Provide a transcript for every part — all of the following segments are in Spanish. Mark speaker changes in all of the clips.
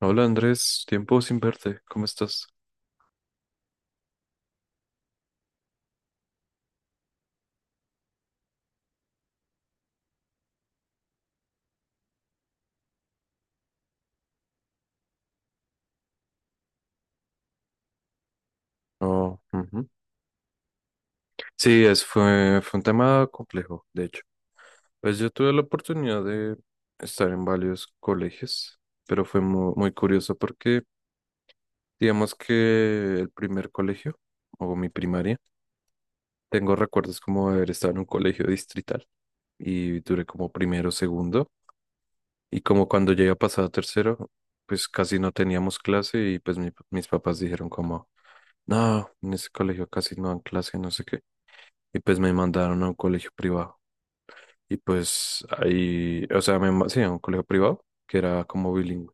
Speaker 1: Hola Andrés, tiempo sin verte, ¿cómo estás? Oh, ujú. Sí, fue un tema complejo, de hecho. Pues yo tuve la oportunidad de estar en varios colegios, pero fue muy curioso porque digamos que el primer colegio, o mi primaria, tengo recuerdos como de haber estado en un colegio distrital y duré como primero, segundo, y como cuando llegué a pasar a tercero, pues casi no teníamos clase y pues mis papás dijeron como. No, en ese colegio casi no dan clase, no sé qué. Y pues me mandaron a un colegio privado. Y pues ahí, o sea, sí, a un colegio privado que era como bilingüe.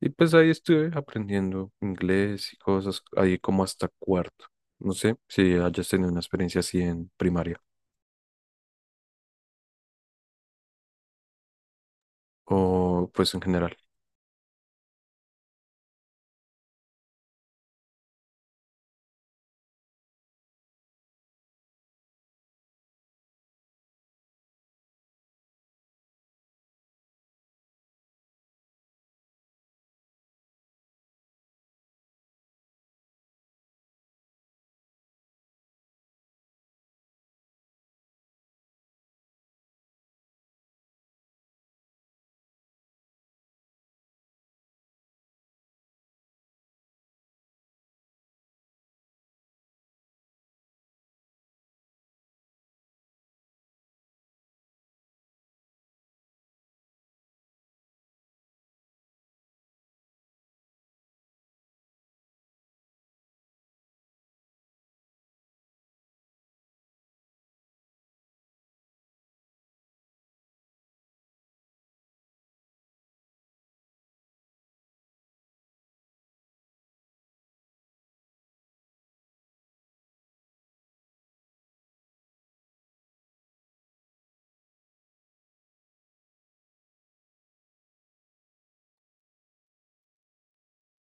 Speaker 1: Y pues ahí estuve aprendiendo inglés y cosas, ahí como hasta cuarto. No sé si hayas tenido una experiencia así en primaria o pues en general.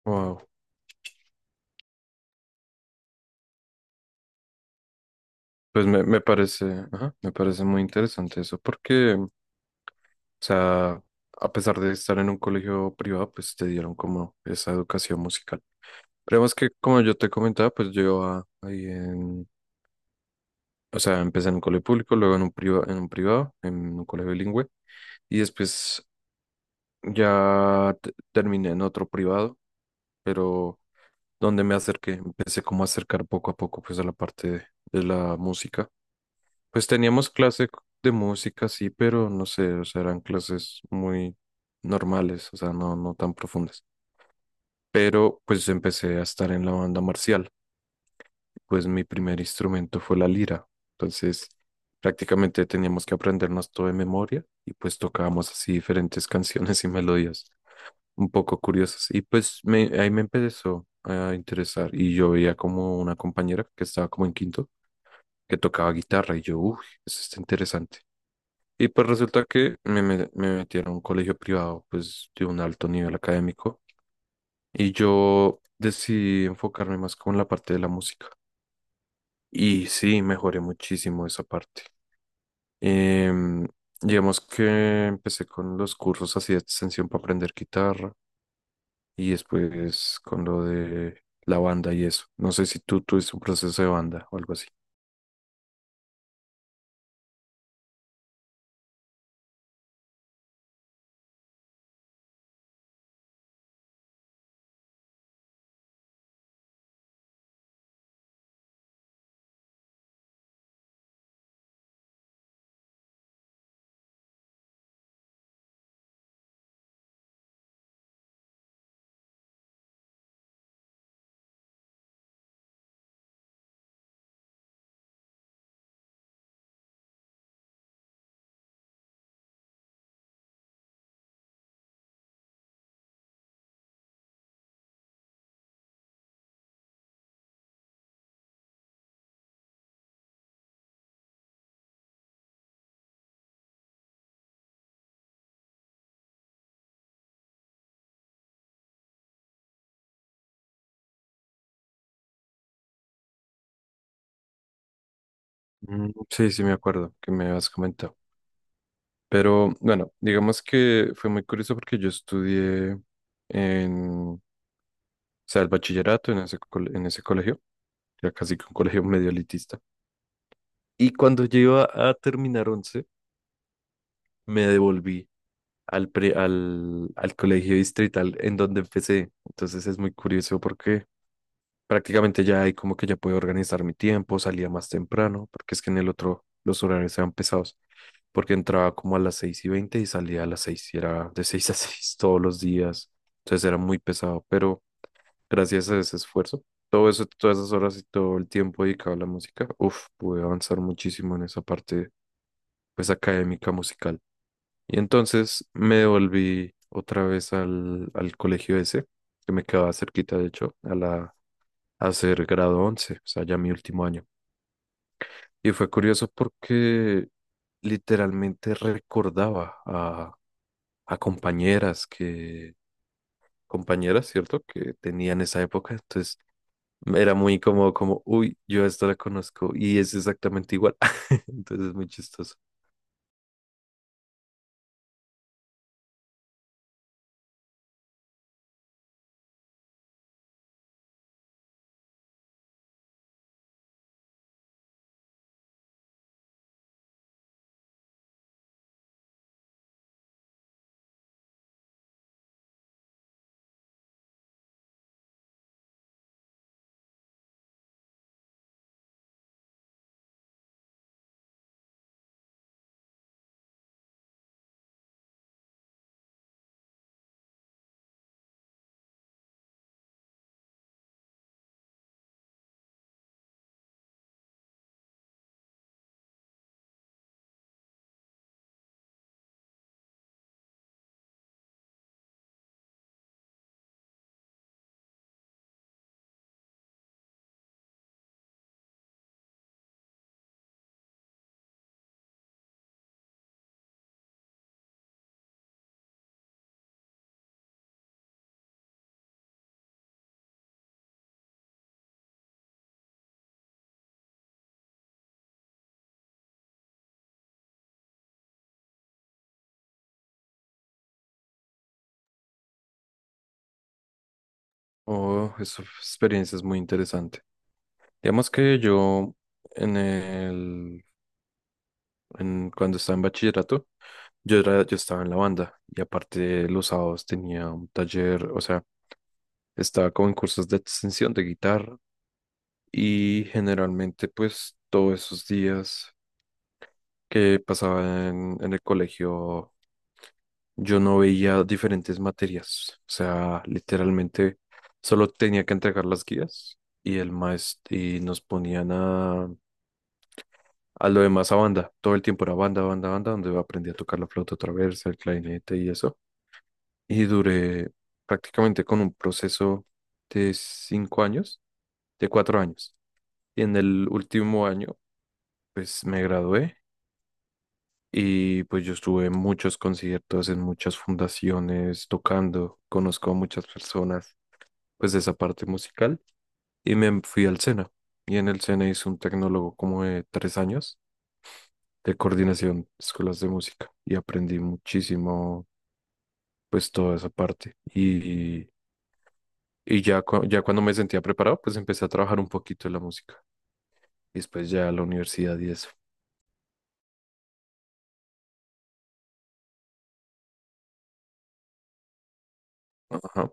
Speaker 1: Wow. Me parece, ajá, me parece muy interesante eso porque, o sea, a pesar de estar en un colegio privado, pues te dieron como esa educación musical. Pero más que, como yo te comentaba, pues yo iba ahí. O sea, empecé en un colegio público, luego en un priva en un privado, en un colegio bilingüe, y después ya terminé en otro privado, pero donde me acerqué, empecé como a acercar poco a poco pues a la parte de la música. Pues teníamos de música, sí, pero no sé, o sea, eran clases muy normales, o sea, no, no tan profundas. Pero pues empecé a estar en la banda marcial. Pues mi primer instrumento fue la lira. Entonces, prácticamente teníamos que aprendernos todo de memoria y pues tocábamos así diferentes canciones y melodías un poco curiosas. Y pues ahí me empezó a interesar y yo veía como una compañera que estaba como en quinto, que tocaba guitarra y yo, uff, eso está interesante. Y pues resulta que me metieron a un colegio privado pues de un alto nivel académico y yo decidí enfocarme más como en la parte de la música. Y sí, mejoré muchísimo esa parte. Em, digamos que empecé con los cursos así de extensión para aprender guitarra y después con lo de la banda y eso. No sé si tú tuviste un proceso de banda o algo así. Mm, sí, sí, me acuerdo que me habías comentado. Pero bueno, digamos que fue muy curioso porque yo estudié en, o sea, el bachillerato en en ese colegio, ya casi que un colegio medio elitista. Y cuando yo iba a terminar 11 me devolví al colegio distrital en donde empecé. Entonces es muy curioso porque prácticamente ya ahí como que ya puedo organizar mi tiempo, salía más temprano, porque es que en el otro los horarios eran pesados, porque entraba como a las 6:20 y salía a las 6:00 y era de 6 a 6 todos los días. Entonces era muy pesado, pero gracias a ese esfuerzo, todo eso, todas esas horas y todo el tiempo dedicado a la música, uff, pude avanzar muchísimo en esa parte, pues académica musical. Y entonces me volví otra vez al colegio ese, que me quedaba cerquita, de hecho, a la, a hacer grado 11, o sea, ya mi último año. Y fue curioso porque literalmente recordaba a compañeras que, compañeras, ¿cierto? Que tenían esa época. Entonces era muy incómodo, como, uy, yo a esta la conozco y es exactamente igual. Entonces es muy chistoso. Oh, esa experiencia es muy interesante. Digamos que yo en el, en, cuando estaba en bachillerato, yo estaba en la banda y aparte los sábados tenía un taller, o sea, estaba como en cursos de extensión de guitarra y generalmente pues todos esos días que pasaba en el colegio, yo no veía diferentes materias. O sea, literalmente solo tenía que entregar las guías y el maestro y nos ponían a lo demás a banda. Todo el tiempo era banda, banda, banda, donde aprendí a tocar la flauta traversa, el clarinete y eso. Y duré prácticamente con un proceso de 5 años, de 4 años. Y en el último año, pues me gradué y pues yo estuve en muchos conciertos, en muchas fundaciones, tocando, conozco a muchas personas, pues de esa parte musical. Y me fui al SENA. Y en el SENA hice un tecnólogo como de 3 años de coordinación de escuelas de música. Y aprendí muchísimo, pues toda esa parte. Y ya, ya cuando me sentía preparado, pues empecé a trabajar un poquito en la música. Y después ya a la universidad y eso. Ajá.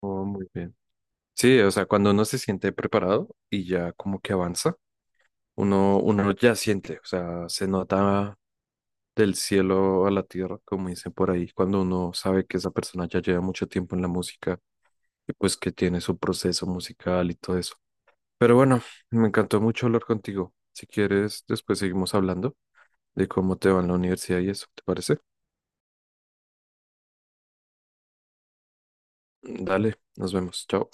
Speaker 1: Oh, muy bien. Sí, o sea, cuando uno se siente preparado y ya como que avanza. Uno ya siente, o sea, se nota del cielo a la tierra, como dicen por ahí, cuando uno sabe que esa persona ya lleva mucho tiempo en la música y pues que tiene su proceso musical y todo eso. Pero bueno, me encantó mucho hablar contigo. Si quieres, después seguimos hablando de cómo te va en la universidad y eso, ¿te parece? Dale, nos vemos. Chao.